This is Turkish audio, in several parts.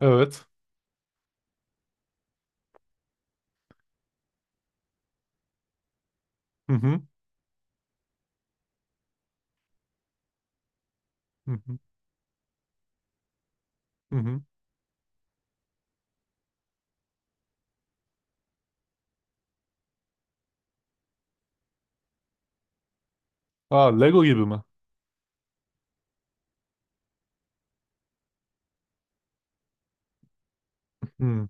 Evet. Hı hı. Hı hı. Hı hı. Aa, Lego gibi mi? Hı.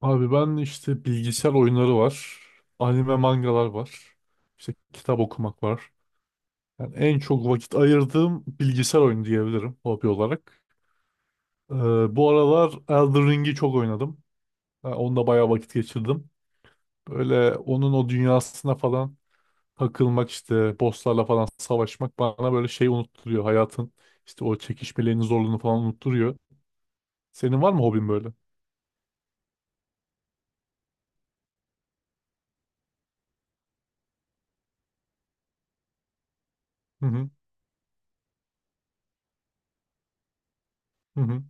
Abi, ben işte bilgisayar oyunları var. Anime mangalar var. İşte kitap okumak var. Yani en çok vakit ayırdığım bilgisayar oyunu diyebilirim hobi olarak. Ee, Bu aralar Elden Ring'i çok oynadım. Yani onda bayağı vakit geçirdim. Böyle onun o dünyasına falan takılmak, işte bosslarla falan savaşmak bana böyle şey unutturuyor. Hayatın işte o çekişmelerini, zorluğunu falan unutturuyor. Senin var mı hobin böyle? Hı hı. Hı hı.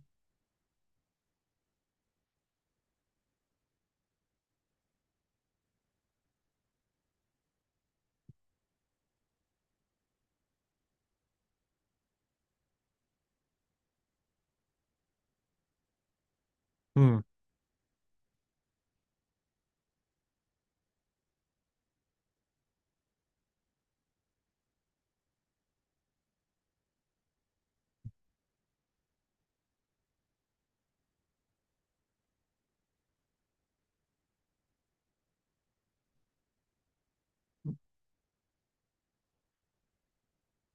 Hı.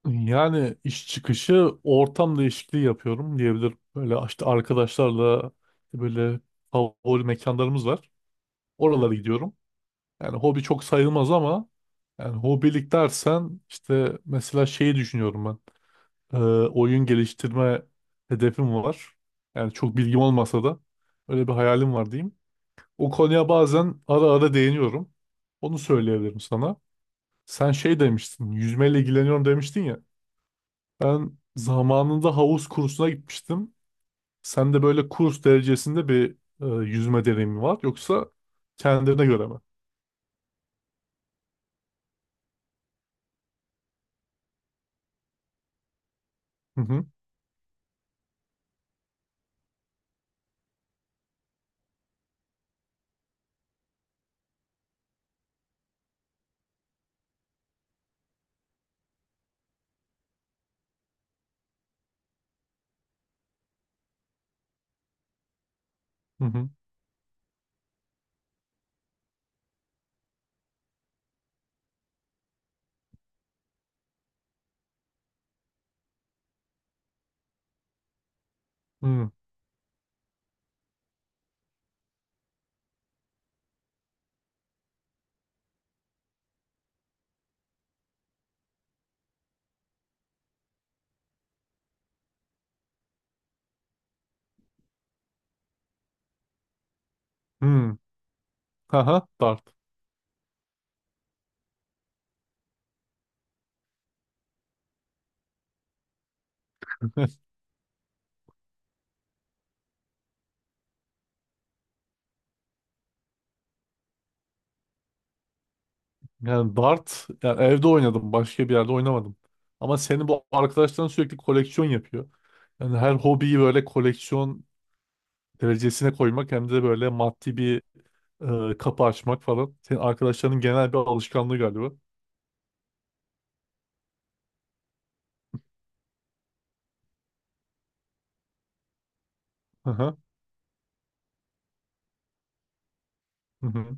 Yani iş çıkışı ortam değişikliği yapıyorum diyebilirim. Böyle işte arkadaşlarla böyle favori mekanlarımız var. Oralara gidiyorum. Yani hobi çok sayılmaz ama yani hobilik dersen işte mesela şeyi düşünüyorum ben. Ee, Oyun geliştirme hedefim var. Yani çok bilgim olmasa da öyle bir hayalim var diyeyim. O konuya bazen ara ara değiniyorum. Onu söyleyebilirim sana. Sen şey demiştin, yüzmeyle ilgileniyorum demiştin ya. Ben zamanında havuz kursuna gitmiştim. Sen de böyle kurs derecesinde bir yüzme deneyimi var. Yoksa kendine göre mi? Hı hı hı hı. Hı, hı. Haha, dart. Yani dart, yani evde oynadım. Başka bir yerde oynamadım. Ama senin bu arkadaşların sürekli koleksiyon yapıyor. Yani her hobiyi böyle koleksiyon derecesine koymak, hem de böyle maddi bir kapı açmak falan. Senin arkadaşlarının genel bir alışkanlığı galiba. Hı hı hı hı.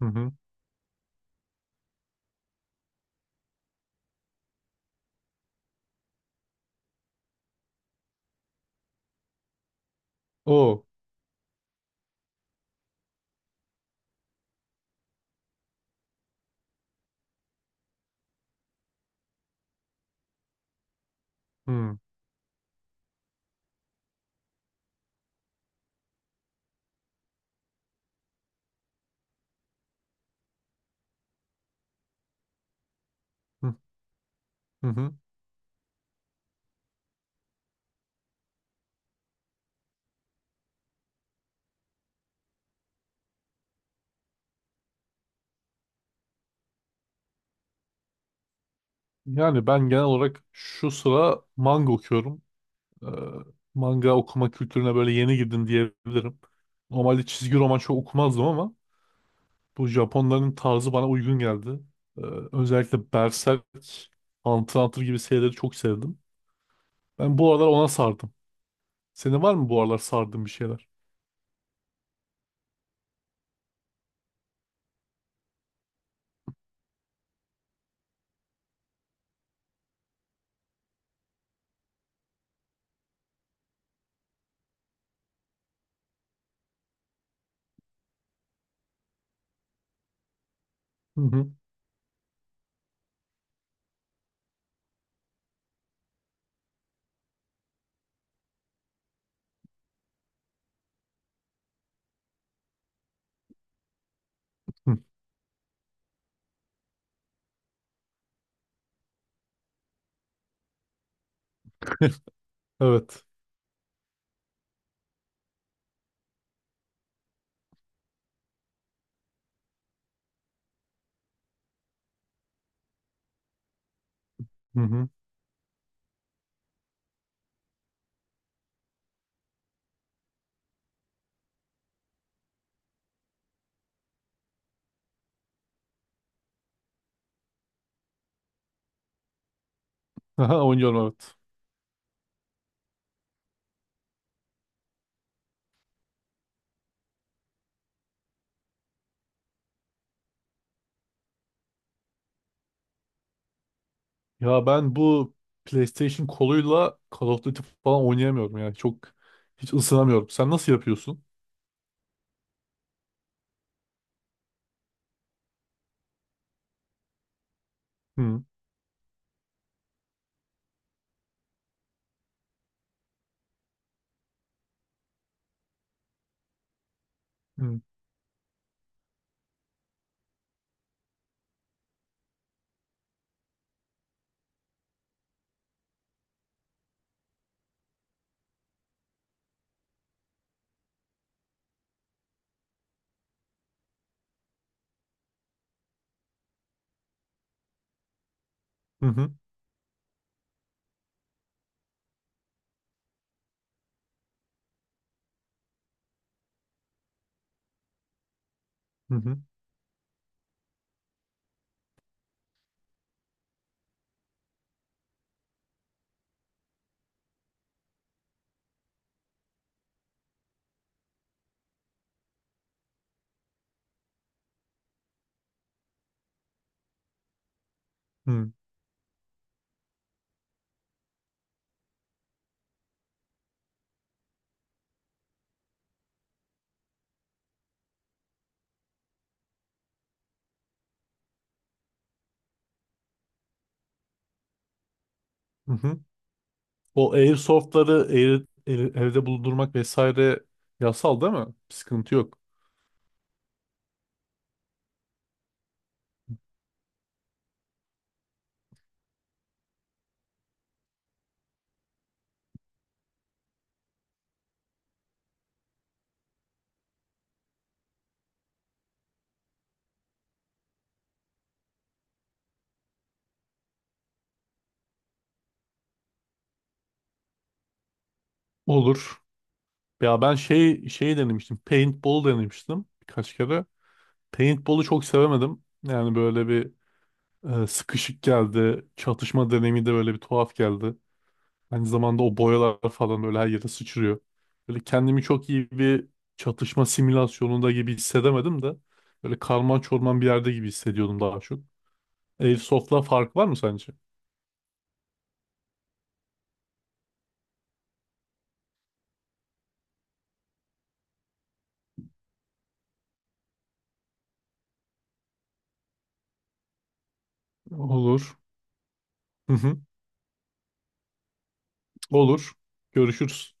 Hı hı. Oo. Hı. Hı. Hı hı. Yani ben genel olarak şu sıra manga okuyorum. Ee, Manga okuma kültürüne böyle yeni girdim diyebilirim. Normalde çizgi roman çok okumazdım ama bu Japonların tarzı bana uygun geldi. Ee, Özellikle Berserk, Hunter x Hunter gibi serileri çok sevdim. Ben bu aralar ona sardım. Senin var mı bu aralar sardığın bir şeyler? Hı hı. Evet. Hı. Evet. Hı hı. Aha, oynuyorum, evet. Ya ben bu PlayStation koluyla Call of Duty falan oynayamıyorum, yani çok hiç ısınamıyorum. Sen nasıl yapıyorsun? Hı hı. Hı hı. Hı hı. Hı hı. O airsoftları evde bulundurmak vesaire yasal değil mi? Bir sıkıntı yok. Olur. Ya ben şey denemiştim. Paintball denemiştim birkaç kere. Paintball'u çok sevemedim. Yani böyle bir sıkışık geldi. Çatışma deneyimi de böyle bir tuhaf geldi. Aynı zamanda o boyalar falan böyle her yere sıçrıyor. Böyle kendimi çok iyi bir çatışma simülasyonunda gibi hissedemedim de. Böyle karman çorman bir yerde gibi hissediyordum daha çok. Airsoft'la fark var mı sence? Olur. Hı hı. Olur. Görüşürüz.